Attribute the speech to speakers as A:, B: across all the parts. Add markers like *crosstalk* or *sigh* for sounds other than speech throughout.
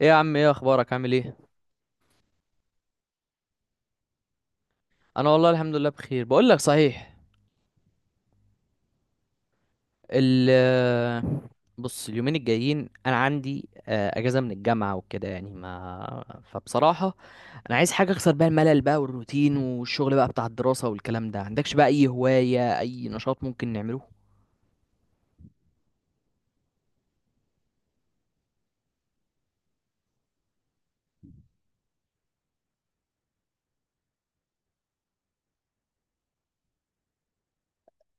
A: ايه يا عم، ايه اخبارك؟ عامل ايه؟ انا والله الحمد لله بخير. بقول لك صحيح. ال بص، اليومين الجايين انا عندي اجازه من الجامعه وكده، يعني ما فبصراحه انا عايز حاجه اكسر بقى الملل بقى والروتين والشغل بقى بتاع الدراسه والكلام ده. عندكش بقى اي هوايه، اي نشاط ممكن نعمله؟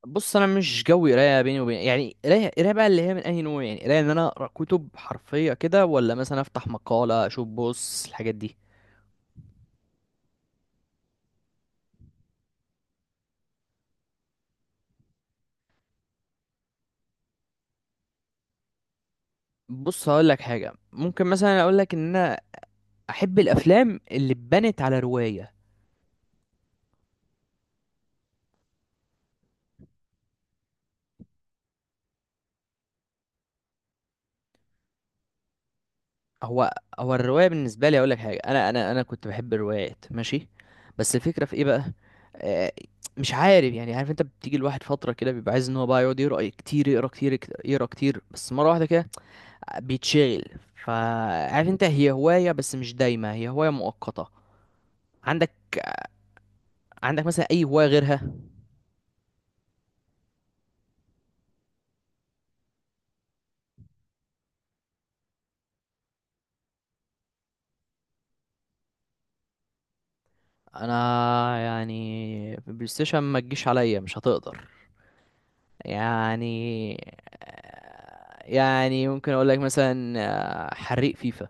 A: بص انا مش جوي قرايه بيني وبين، يعني قرايه قرايه بقى اللي هي من اي نوع؟ يعني قرايه ان انا اقرا كتب حرفيه كده، ولا مثلا افتح مقاله اشوف بص الحاجات دي. بص هقول لك حاجه، ممكن مثلا اقول لك ان انا احب الافلام اللي اتبنت على روايه. هو هو الروايه بالنسبه لي، اقول لك حاجه، انا كنت بحب الروايات ماشي، بس الفكره في ايه بقى؟ آه، مش عارف يعني، عارف انت بتيجي الواحد فتره كده بيبقى عايز ان هو بقى يقعد يقرا كتير، يقرا كتير بس مره واحده كده، بيتشغل. فعارف انت، هي هوايه بس مش دايمه، هي هوايه مؤقته. عندك عندك مثلا اي هوايه غيرها؟ انا يعني بلاي ستيشن ما تجيش عليا، مش هتقدر يعني. يعني ممكن اقول لك مثلا حريق فيفا.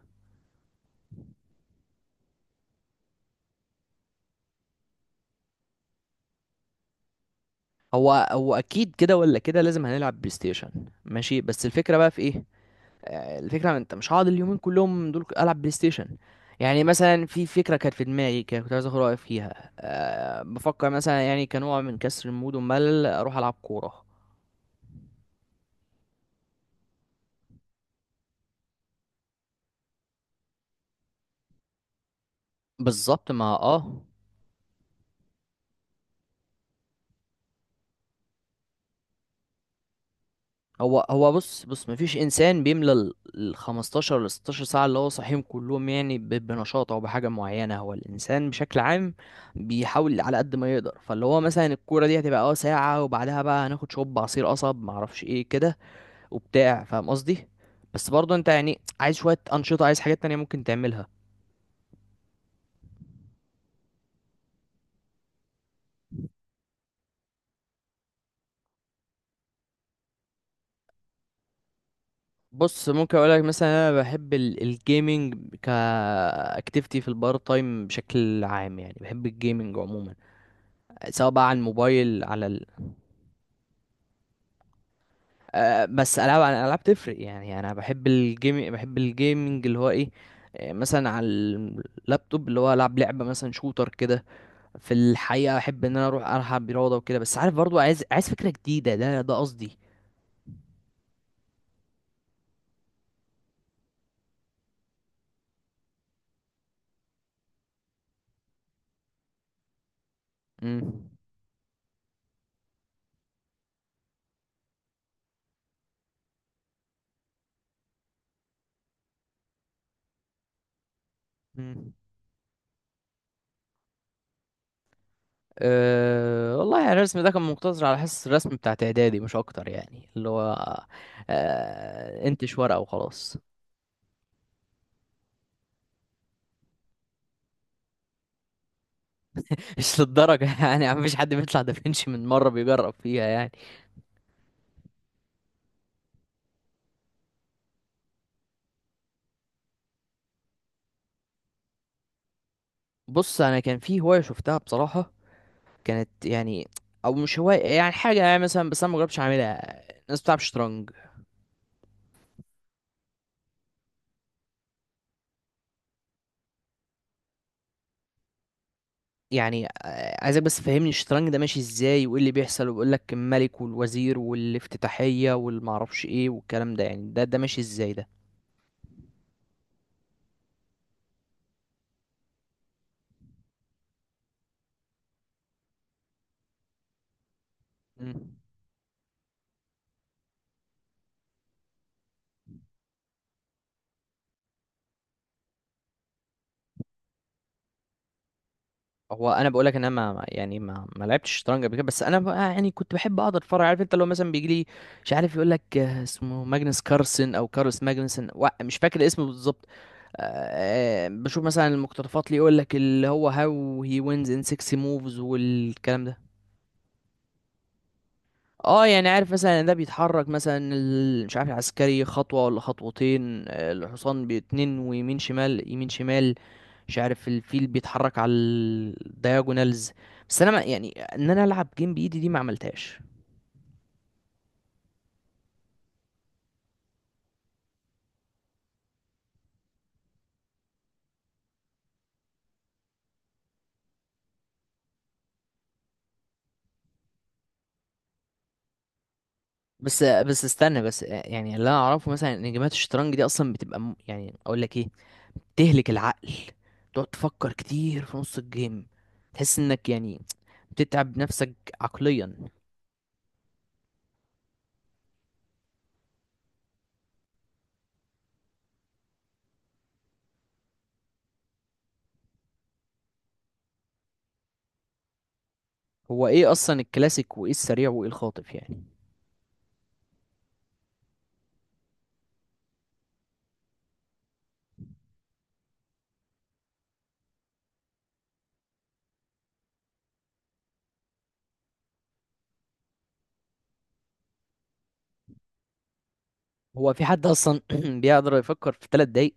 A: هو هو اكيد كده ولا كده لازم هنلعب بلاي ستيشن، ماشي بس الفكره بقى في ايه؟ الفكره انت مش هقعد اليومين كلهم دول العب بلاي ستيشن. يعني مثلا في فكره كانت في دماغي كده، كنت عايز اخد رايك فيها. أه، بفكر مثلا يعني كنوع من كسر المود والملل اروح العب كوره. بالظبط ما اه. هو هو بص بص مفيش انسان بيملى ال 15 ل 16 ساعه اللي هو صاحيهم كلهم، يعني بنشاط او بحاجه معينه. هو الانسان بشكل عام بيحاول على قد ما يقدر، فاللي هو مثلا الكوره دي هتبقى اه ساعه، وبعدها بقى هناخد شوب عصير قصب، معرفش ايه كده وبتاع، فاهم قصدي؟ بس برضه انت يعني عايز شويه انشطه، عايز حاجات تانية ممكن تعملها. بص ممكن اقول لك مثلا انا بحب الجيمنج كاكتيفيتي في البار تايم، بشكل عام يعني بحب الجيمنج عموما، سواء بقى على الموبايل، على بس العاب عن العاب تفرق. يعني انا بحب الجيم، بحب الجيمنج اللي هو ايه؟ مثلا على اللابتوب اللي هو العب لعبه مثلا شوتر كده. في الحقيقه احب ان انا اروح العب رياضه وكده، بس عارف برضو، عايز فكره جديده، ده قصدي. امم امم أه والله يعني الرسم ده كان مقتصر على حصص الرسم بتاعت اعدادي، مش اكتر يعني، اللي هو أه انتش ورقه وخلاص. *laughs* مش للدرجه يعني، مفيش حد بيطلع دافنشي من مره بيجرب فيها يعني. بص انا كان في هوايه شفتها بصراحه، كانت يعني، او مش هواية يعني، حاجة يعني مثلا، بس انا مجربتش اعملها. الناس بتلعب شطرنج. يعني عايزك بس فهمني الشطرنج ده ماشي ازاي وايه اللي بيحصل، وبيقول لك الملك والوزير والافتتاحية والمعرفش ايه والكلام ده، يعني ده ماشي ازاي ده؟ مم. هو انا بقول لك ان انا يعني ما لعبتش شطرنج قبل كده، بس انا بقى يعني كنت بحب اقعد اتفرج. عارف انت لو مثلا بيجي لي، مش عارف، يقول لك اسمه ماجنس كارلسن او كارلس ماجنسن، مش فاكر اسمه بالظبط. بشوف مثلا المقتطفات اللي يقول لك اللي هو هاو هي وينز ان 6 موفز والكلام ده. اه يعني عارف مثلا ان ده بيتحرك مثلا مش عارف العسكري خطوة ولا خطوتين، الحصان باتنين ويمين شمال يمين شمال. مش عارف الفيل بيتحرك على الدياجونالز. بس انا ما يعني ان انا العب جيم بايدي دي ما عملتهاش. بس استنى بس. يعني اللي انا اعرفه مثلا ان جيمات الشطرنج دي اصلا بتبقى يعني اقول لك ايه، تهلك العقل، تقعد تفكر كتير في نص الجيم، تحس انك يعني بتتعب نفسك عقليا. هو ايه اصلا الكلاسيك وايه السريع وايه الخاطف يعني؟ هو في حد اصلا *clears throat* بيقدر يفكر في ثلاث دقايق؟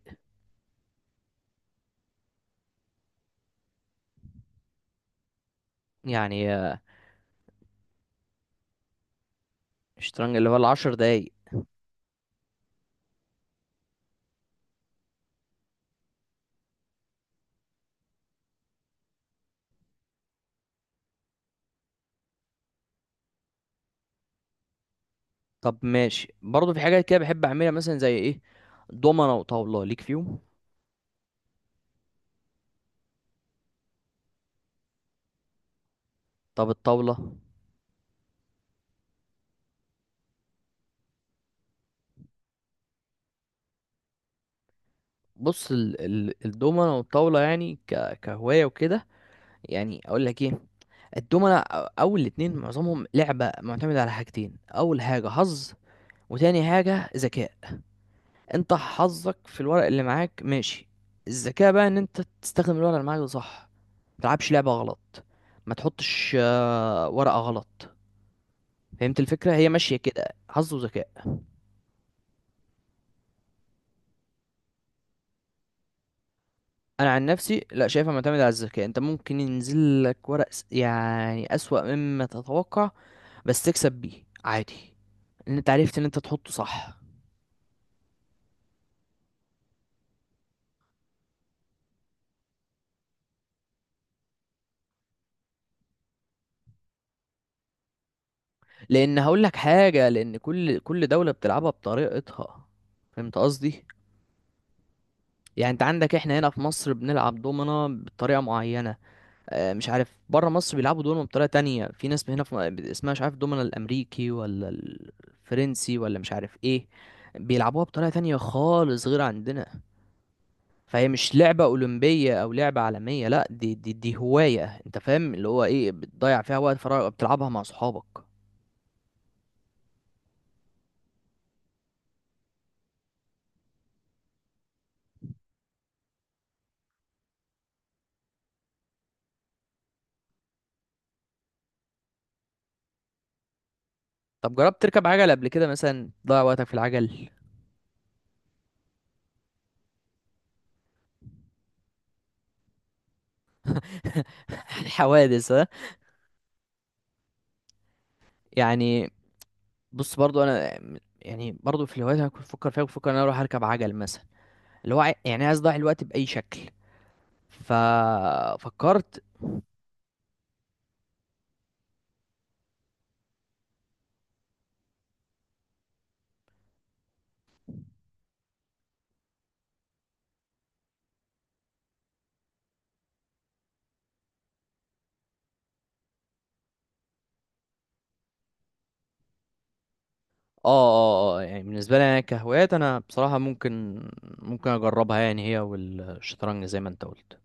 A: يعني الشطرنج اللي هو العشر دقايق. طب ماشي، برضه في حاجات كده بحب اعملها مثلا زي ايه؟ دومنة وطاولة ليك فيهم؟ طب الطاولة؟ بص ال الدومنة والطاولة، يعني كهواية وكده، يعني اقول لك ايه. الدومنة اول الاتنين معظمهم لعبة معتمدة على حاجتين: اول حاجة حظ، وتاني حاجة ذكاء. انت حظك في الورق اللي معاك ماشي، الذكاء بقى ان انت تستخدم الورق اللي معاك ده صح، ما تلعبش لعبة غلط، ما تحطش ورقة غلط. فهمت الفكرة؟ هي ماشية كده، حظ وذكاء. انا عن نفسي لا، شايفها معتمدة على الذكاء. انت ممكن ينزل لك ورق يعني اسوأ مما تتوقع، بس تكسب بيه عادي ان انت عرفت ان انت تحطه صح. لان هقول لك حاجة، لان كل دولة بتلعبها بطريقتها، فهمت قصدي؟ يعني انت عندك احنا هنا في مصر بنلعب دومنة بطريقة معينة، اه مش عارف بره مصر بيلعبوا دومنة بطريقة تانية. في ناس هنا في اسمها مش عارف دومنة الامريكي ولا الفرنسي ولا مش عارف ايه، بيلعبوها بطريقة تانية خالص غير عندنا. فهي مش لعبة أولمبية أو لعبة عالمية، لا، دي دي دي هواية، انت فاهم اللي هو ايه، بتضيع فيها وقت فراغ بتلعبها مع صحابك. طب جربت تركب عجل قبل كده مثلا؟ تضيع وقتك في العجل. *laughs* الحوادث ها يعني. بص برضو انا، يعني برضو في الهوايات هكون بفكر فيها، بفكر ان انا اروح اركب عجل مثلا، اللي هو يعني عايز اضيع الوقت باي شكل. ففكرت. اه اه، يعني بالنسبه لي انا كهوايات انا بصراحه ممكن اجربها، يعني هي والشطرنج زي ما انت قلت.